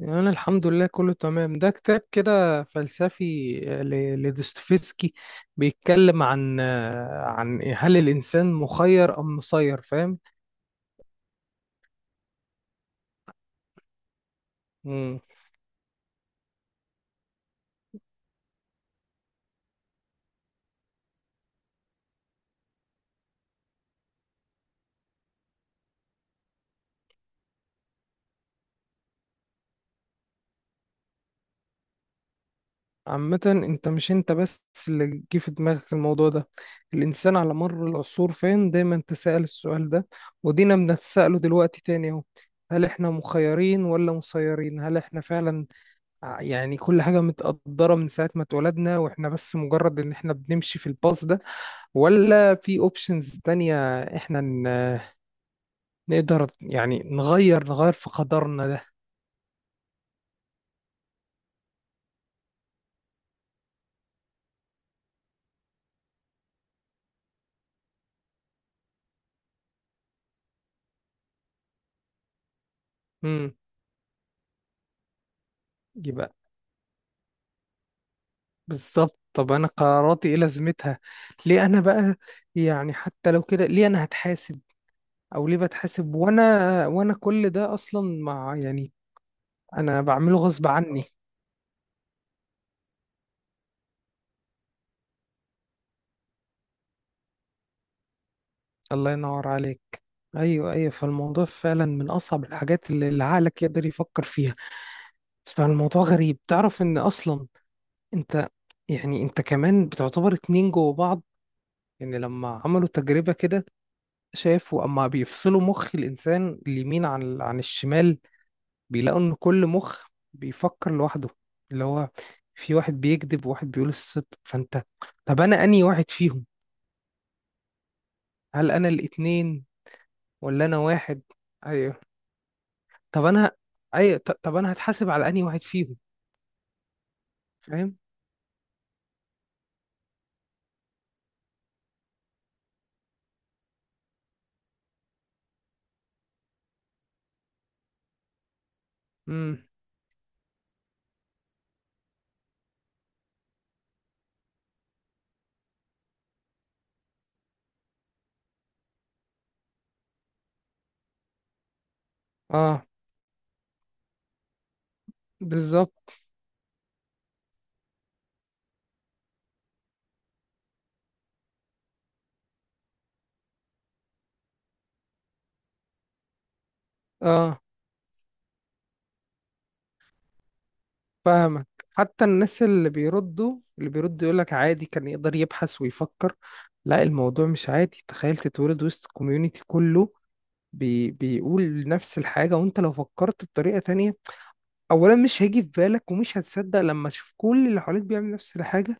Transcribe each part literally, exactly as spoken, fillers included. أنا الحمد لله، كله تمام. ده كتاب كده فلسفي، آه، ل- لدوستويفسكي. بيتكلم عن آه، عن هل الإنسان مخير أم مسير، فاهم؟ مم. عامة، أنت مش أنت بس اللي جه في دماغك الموضوع ده. الإنسان على مر العصور، فاهم، دايما تسأل السؤال ده، ودينا بنتسأله دلوقتي تاني أهو. هل إحنا مخيرين ولا مسيرين؟ هل إحنا فعلا ع- يعني كل حاجة متقدرة من ساعة ما اتولدنا، واحنا بس مجرد ان احنا بنمشي في الباص ده؟ ولا في اوبشنز تانية؟ احنا ن- نقدر يعني نغير نغير في قدرنا ده؟ امم. يبقى بالظبط. طب انا قراراتي ايه لازمتها؟ ليه انا بقى، يعني حتى لو كده، ليه انا هتحاسب او ليه بتحاسب وانا، وانا كل ده اصلا، مع يعني انا بعمله غصب عني. الله ينور عليك. ايوه، ايوه، فالموضوع فعلا من اصعب الحاجات اللي اللي عقلك يقدر يفكر فيها. فالموضوع غريب. تعرف ان اصلا انت يعني انت كمان بتعتبر اتنين جوه بعض. يعني لما عملوا تجربة كده، شافوا اما بيفصلوا مخ الانسان اليمين عن عن الشمال، بيلاقوا ان كل مخ بيفكر لوحده. اللي هو في واحد بيكذب وواحد بيقول الصدق، فانت طب انا انهي واحد فيهم؟ هل انا الاتنين ولا انا واحد؟ ايوه. طب انا، اي ط- طب انا هتحاسب على انهي واحد فيهم؟ فاهم؟ امم، اه بالظبط، اه فاهمك. حتى الناس اللي بيردوا اللي بيردوا يقولك عادي، كان يقدر يبحث ويفكر. لا، الموضوع مش عادي. تخيل تتولد وسط كوميونتي كله بي بيقول نفس الحاجة، وانت لو فكرت بطريقة تانية، اولا مش هيجي في بالك، ومش هتصدق لما تشوف كل اللي حواليك بيعمل نفس الحاجة.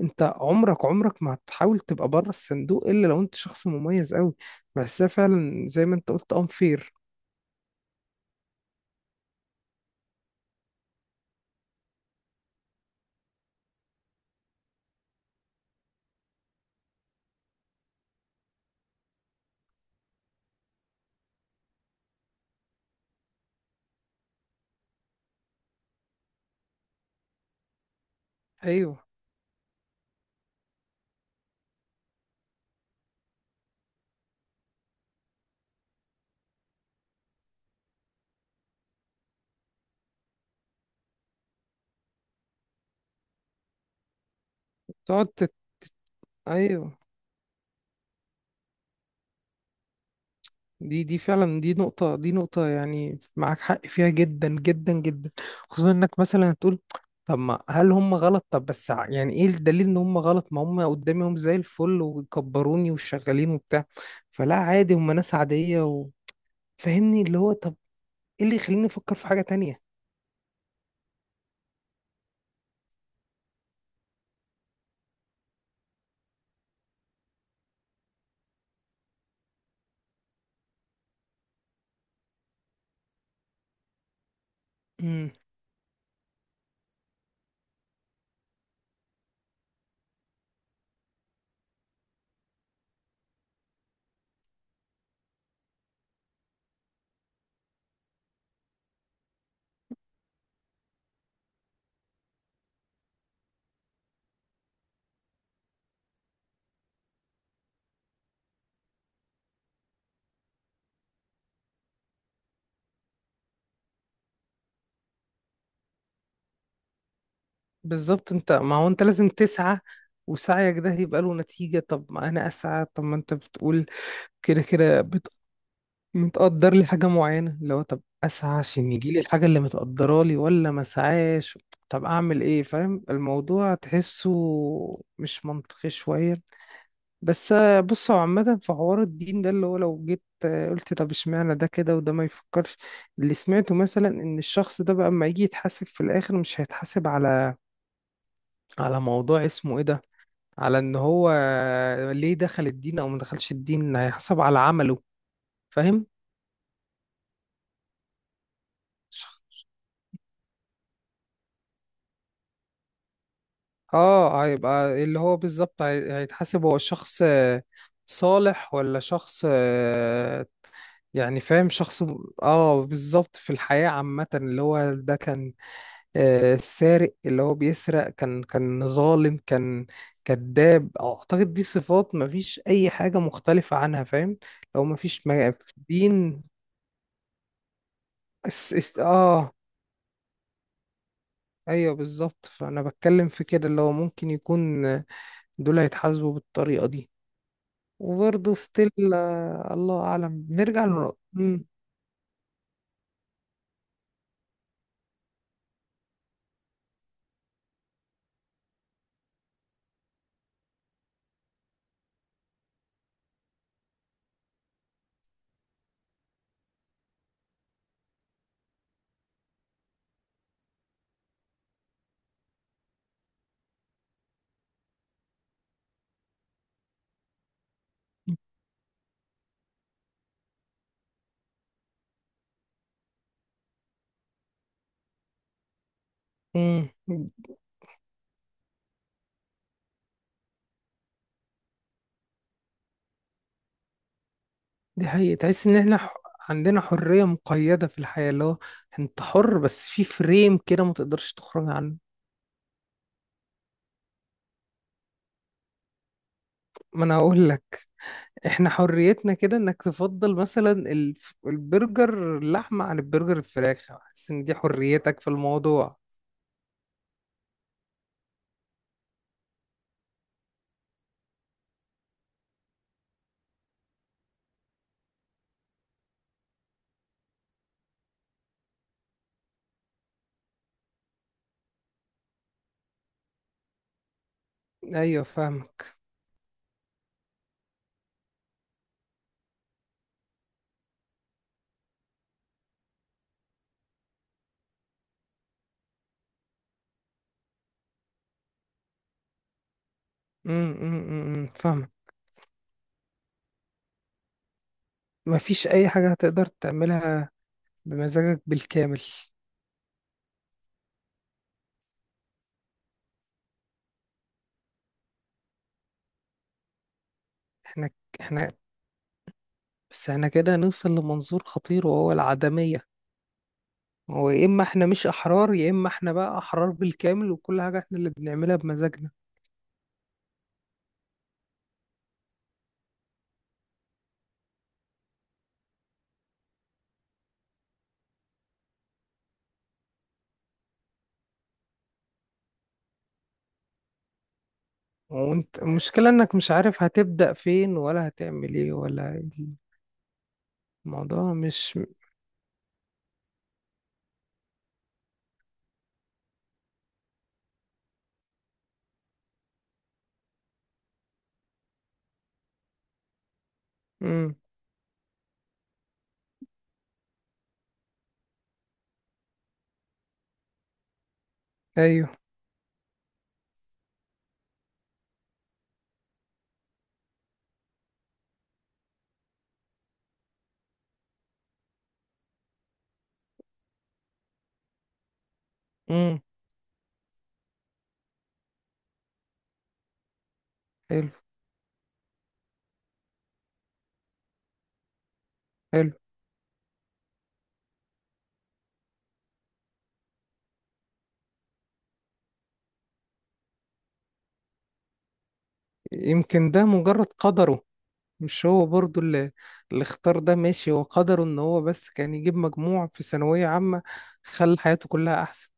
انت عمرك عمرك ما هتحاول تبقى بره الصندوق الا لو انت شخص مميز قوي. بحسها فعلا زي ما انت قلت unfair. ايوه تقعد تت... ايوه، دي دي فعلا، دي نقطة دي نقطة يعني معاك حق فيها جدا جدا جدا. خصوصا انك مثلا هتقول طب ما هل هم غلط؟ طب بس ع- يعني ايه الدليل ان هم غلط؟ ما هم قدامهم زي الفل وكبروني وشغالين وبتاع، فلا عادي، هم ناس عادية. وفهمني اللي هو طب ايه اللي يخليني افكر في حاجة تانية؟ بالظبط. انت، ما هو انت لازم تسعى، وسعيك ده هيبقى له نتيجة. طب ما انا اسعى، طب ما انت بتقول كده كده بت... متقدر لي حاجة معينة. اللي هو طب اسعى عشان يجي لي الحاجة اللي متقدرة لي، ولا ما اسعاش؟ طب اعمل ايه؟ فاهم الموضوع تحسه مش منطقي شوية. بس آه، بص، هو عامة في حوار الدين ده اللي هو لو جيت آه، قلت طب اشمعنى ده كده وده ما يفكرش؟ اللي سمعته مثلا ان الشخص ده بقى اما يجي يتحاسب في الاخر، مش هيتحاسب على على موضوع اسمه ايه ده، على ان هو ليه دخل الدين او ما دخلش الدين. هيحسب على عمله. فاهم؟ شخ- اه هيبقى اللي هو بالظبط هي- هيتحاسب. هو شخص آه، صالح ولا شخص آه، يعني فاهم؟ شخص م- اه بالظبط في الحياة عامة. اللي هو ده كان آه، سارق، اللي هو بيسرق، كان كان ظالم، كان كذاب. اعتقد دي صفات مفيش اي حاجة مختلفة عنها، فاهم؟ لو مفيش ما- في الدين. الس- الس- اه ايوه بالظبط. فانا بتكلم في كده اللي هو ممكن يكون دول هيتحاسبوا بالطريقه دي، وبرضه ستيل الله اعلم. بنرجع ل مم، مم، دي حقيقة. تحس ان احنا ح- عندنا حريه مقيده في الحياه. اللي هو انت حر بس في فريم كده، ما تقدرش تخرج عنه. ما انا هقول لك، احنا حريتنا كده انك تفضل مثلا الف- البرجر اللحمه عن البرجر الفراخ. حاسس ان دي حريتك في الموضوع؟ ايوه فاهمك. امم، امم، فاهمك. مفيش أي حاجة هتقدر تعملها بمزاجك بالكامل. احنا احنا بس احنا كده هنوصل لمنظور خطير، وهو العدمية. هو يا إما احنا مش أحرار، يا إما احنا بقى أحرار بالكامل وكل حاجة احنا اللي بنعملها بمزاجنا. وانت المشكلة انك مش عارف هتبدأ فين ولا هتعمل ايه ولا. الموضوع مش. مم. ايوه. مم. حلو. حلو. يمكن ده مجرد قدره. مش هو برضو اللي, اللي اختار ده ماشي؟ هو قدره ان هو بس كان يجيب مجموع في ثانوية عامة، خلى حياته كلها احسن.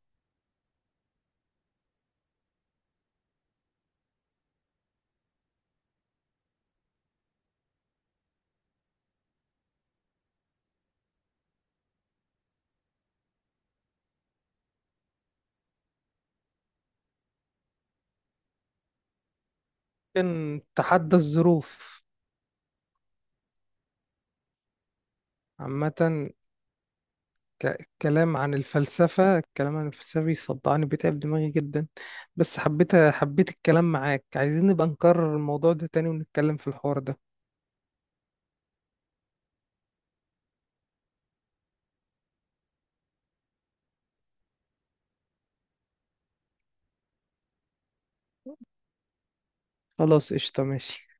كان تحدى الظروف. عامة، ك- الكلام عن الفلسفة، الكلام عن الفلسفة بيصدعني، بيتعب دماغي جدا. بس حبيت حبيت الكلام معاك. عايزين نبقى نكرر الموضوع ده تاني ونتكلم في الحوار ده. خلاص، قشطة، ماشي.